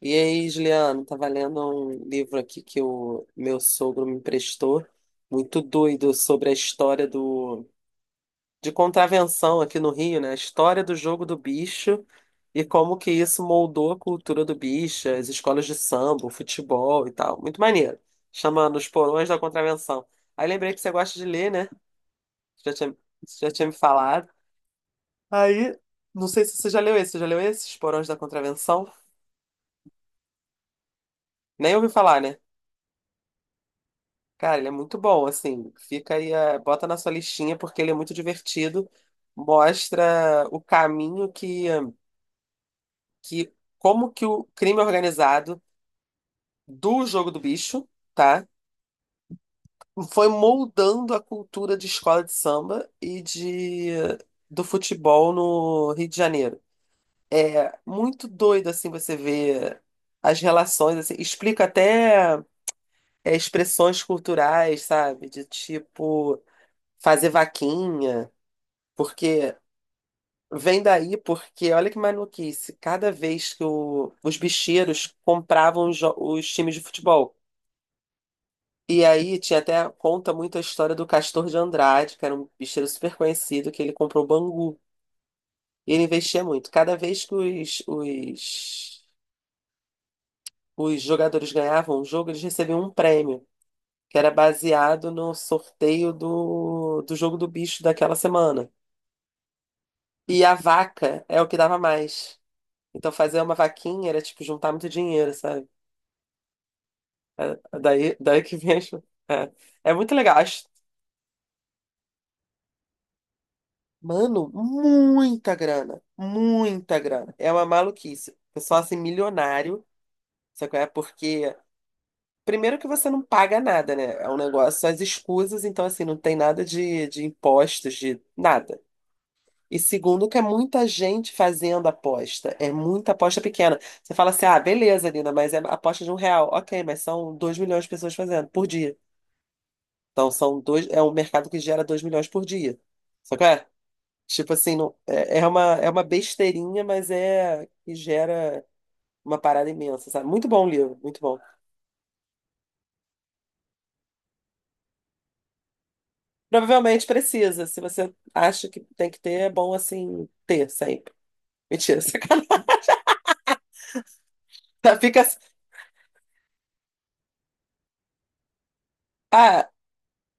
E aí, Juliano, tava lendo um livro aqui que o meu sogro me emprestou, muito doido, sobre a história do de contravenção aqui no Rio, né? A história do jogo do bicho e como que isso moldou a cultura do bicho, as escolas de samba, o futebol e tal. Muito maneiro. Chama Nos Porões da Contravenção. Aí lembrei que você gosta de ler, né? Você Já tinha, você já tinha me falado. Aí, não sei se você já leu esse. Você já leu esse, Os Porões da Contravenção? Nem ouvi falar, né? Cara, ele é muito bom, assim. Fica aí, bota na sua listinha, porque ele é muito divertido. Mostra o caminho que como que o crime é organizado do Jogo do Bicho, tá? Foi moldando a cultura de escola de samba e de do futebol no Rio de Janeiro. É muito doido, assim, você ver as relações, assim. Explica até expressões culturais, sabe? De tipo fazer vaquinha. Porque Vem daí porque, olha que maluquice, cada vez que os bicheiros compravam os times de futebol. E aí tinha até, conta muito a história do Castor de Andrade, que era um bicheiro super conhecido, que ele comprou o Bangu. E ele investia muito. Cada vez que os jogadores ganhavam um jogo, eles recebiam um prêmio, que era baseado no sorteio do jogo do bicho daquela semana. E a vaca é o que dava mais. Então fazer uma vaquinha era tipo juntar muito dinheiro, sabe? É, daí que vem. É, é muito legal. Mano, muita grana. Muita grana. É uma maluquice. Pessoal assim, milionário. Sabe qual é? Porque. Primeiro que você não paga nada, né? É um negócio, só as escusas, então assim, não tem nada de impostos, de nada. E segundo que é muita gente fazendo aposta. É muita aposta pequena. Você fala assim, ah, beleza, Lina, mas é aposta de um real. Ok, mas são dois milhões de pessoas fazendo por dia. Então é um mercado que gera 2 milhões por dia. Só que é, tipo assim, não, é uma besteirinha, mas é que gera uma parada imensa, sabe? Muito bom o livro, muito bom. Provavelmente precisa, se você acha que tem que ter, é bom assim ter sempre. Mentira, sacanagem. Fica assim. Ah,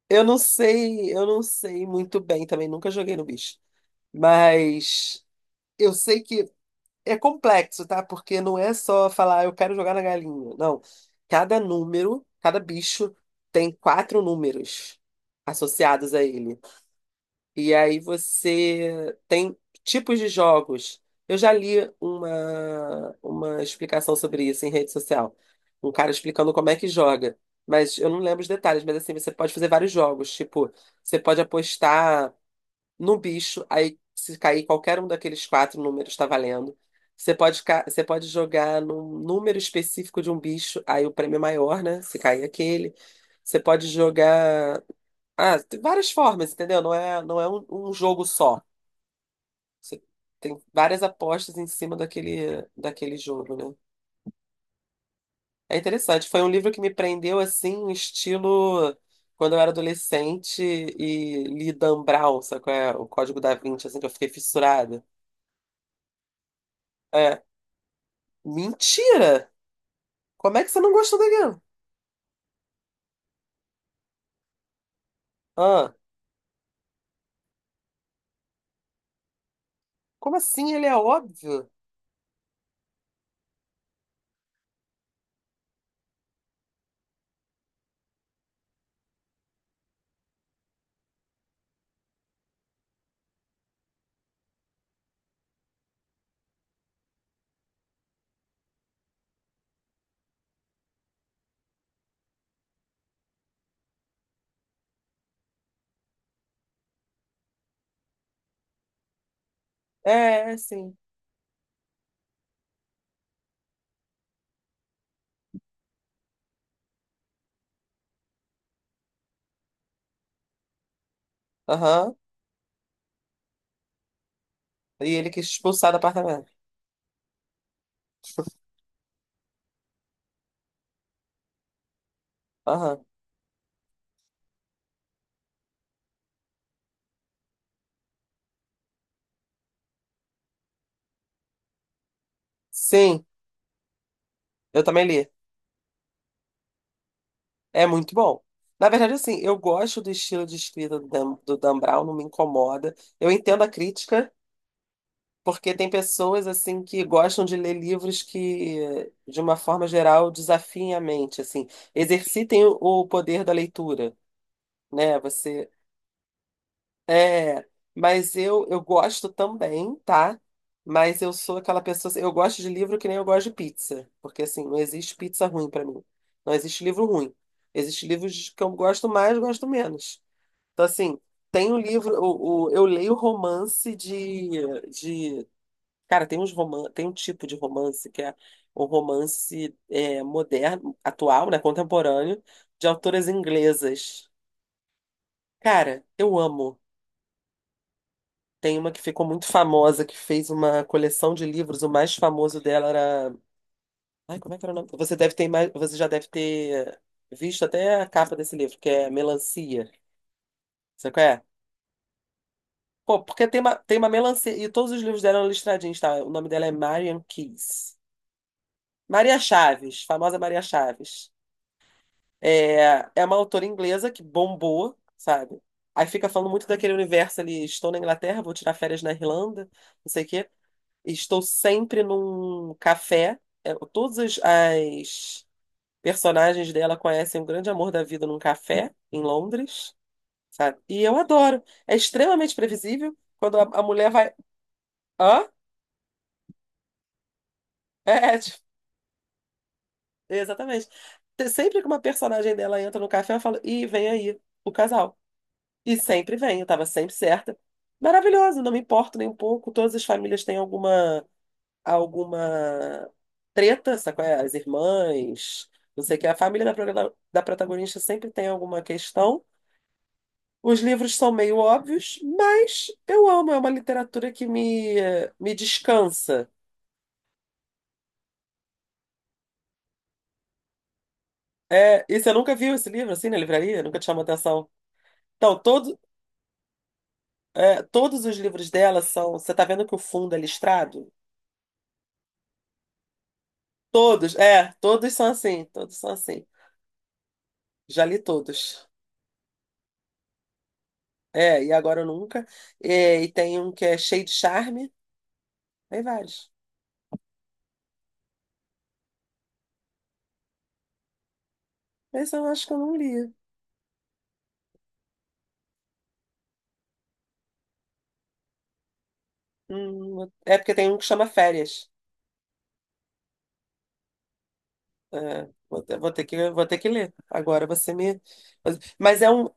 eu não sei muito bem também, nunca joguei no bicho. Mas eu sei que é complexo, tá? Porque não é só falar, "Ah, eu quero jogar na galinha." Não. Cada número, cada bicho tem quatro números associados a ele. E aí você tem tipos de jogos. Eu já li uma explicação sobre isso em rede social. Um cara explicando como é que joga. Mas eu não lembro os detalhes, mas assim, você pode fazer vários jogos. Tipo, você pode apostar no bicho, aí se cair qualquer um daqueles quatro números está valendo. Você pode jogar num número específico de um bicho, aí o prêmio é maior, né? Se cair aquele. Você pode jogar. Ah, tem várias formas, entendeu? Não é um jogo só. Você tem várias apostas em cima daquele jogo, né? É interessante. Foi um livro que me prendeu assim, um estilo quando eu era adolescente e li Dan Brown, sabe qual é? O Código da Vinci, assim, que eu fiquei fissurada. É, mentira! Como é que você não gostou daquilo? Ah, como assim? Ele é óbvio? É, é, sim. Aham. E ele quis expulsar do apartamento. Aham. Sim, eu também li. É muito bom. Na verdade, assim, eu gosto do estilo de escrita do Dan Brown, não me incomoda. Eu entendo a crítica, porque tem pessoas, assim, que gostam de ler livros que, de uma forma geral, desafiem a mente, assim, exercitem o poder da leitura, né? Você é, mas eu gosto também, tá? Mas eu sou aquela pessoa, assim, eu gosto de livro que nem eu gosto de pizza, porque assim, não existe pizza ruim pra mim. Não existe livro ruim. Existem livros que eu gosto mais, gosto menos. Então assim, tem um livro, eu leio romance de, cara, tem um tipo de romance que é o romance é, moderno, atual, né, contemporâneo, de autoras inglesas. Cara, eu amo. Tem uma que ficou muito famosa, que fez uma coleção de livros. O mais famoso dela era. Ai, como é que era o nome? Você já deve ter visto até a capa desse livro, que é Melancia. Você conhece? Pô, porque tem uma melancia. E todos os livros dela eram listradinhos, tá? O nome dela é Marian Keyes. Maria Chaves, famosa Maria Chaves. É, é uma autora inglesa que bombou, sabe? Aí fica falando muito daquele universo ali, estou na Inglaterra, vou tirar férias na Irlanda, não sei o quê. Estou sempre num café. É, todas as personagens dela conhecem o grande amor da vida num café em Londres, sabe? E eu adoro. É extremamente previsível quando a mulher vai. Hã? É, é, tipo, exatamente. Sempre que uma personagem dela entra no café, eu falo, ih, vem aí, o casal. E sempre vem, eu tava sempre certa. Maravilhoso, não me importo nem um pouco. Todas as famílias têm alguma treta, sabe qual é? As irmãs, não sei o que. A família da protagonista sempre tem alguma questão. Os livros são meio óbvios, mas eu amo, é uma literatura que me descansa. É, e você nunca viu esse livro assim na livraria? Nunca te chamou atenção? Então, todo, é, todos os livros dela são. Você tá vendo que o fundo é listrado? Todos, é, todos são assim, todos são assim. Já li todos. É, e agora eu nunca. É, e tem um que é cheio de charme. Tem vários. Mas eu acho que eu não li. Hum, é porque tem um que chama Férias. É, vou ter que ler. Agora você me. Mas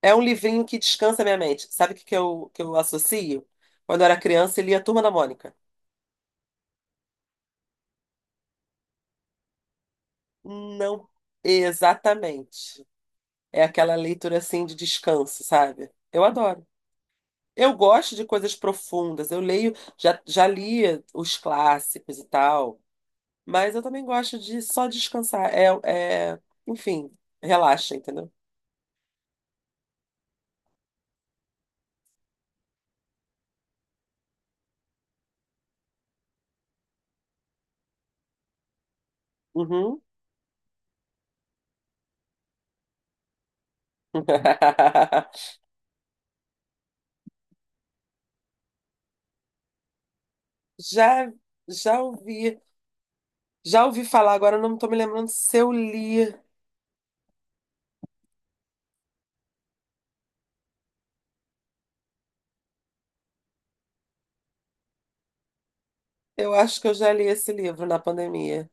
é um livrinho que descansa minha mente. Sabe o que eu associo? Quando eu era criança e lia Turma da Mônica. Não, exatamente. É aquela leitura assim de descanso, sabe? Eu adoro. Eu gosto de coisas profundas. Eu leio, já li os clássicos e tal. Mas eu também gosto de só descansar. É, é... Enfim, relaxa, entendeu? Uhum. Já, já ouvi, já ouvi falar, agora eu não estou me lembrando se eu li. Eu acho que eu já li esse livro na pandemia.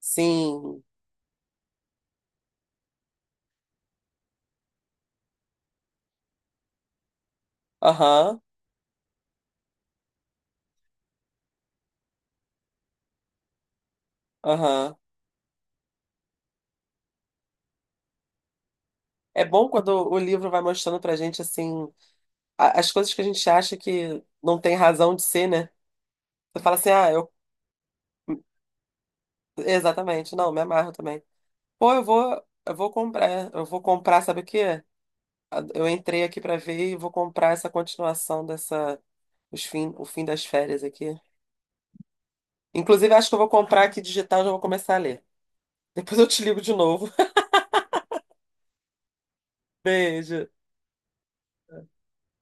Sim. Aham, aham. É bom quando o livro vai mostrando pra gente, assim, as coisas que a gente acha que não tem razão de ser, né? Você fala assim, ah, eu. Exatamente, não, me amarro também. Pô, eu vou comprar, sabe o quê? Eu entrei aqui pra ver e vou comprar essa continuação dessa, o fim das férias aqui. Inclusive, acho que eu vou comprar aqui digital, já vou começar a ler. Depois eu te ligo de novo. Beijo.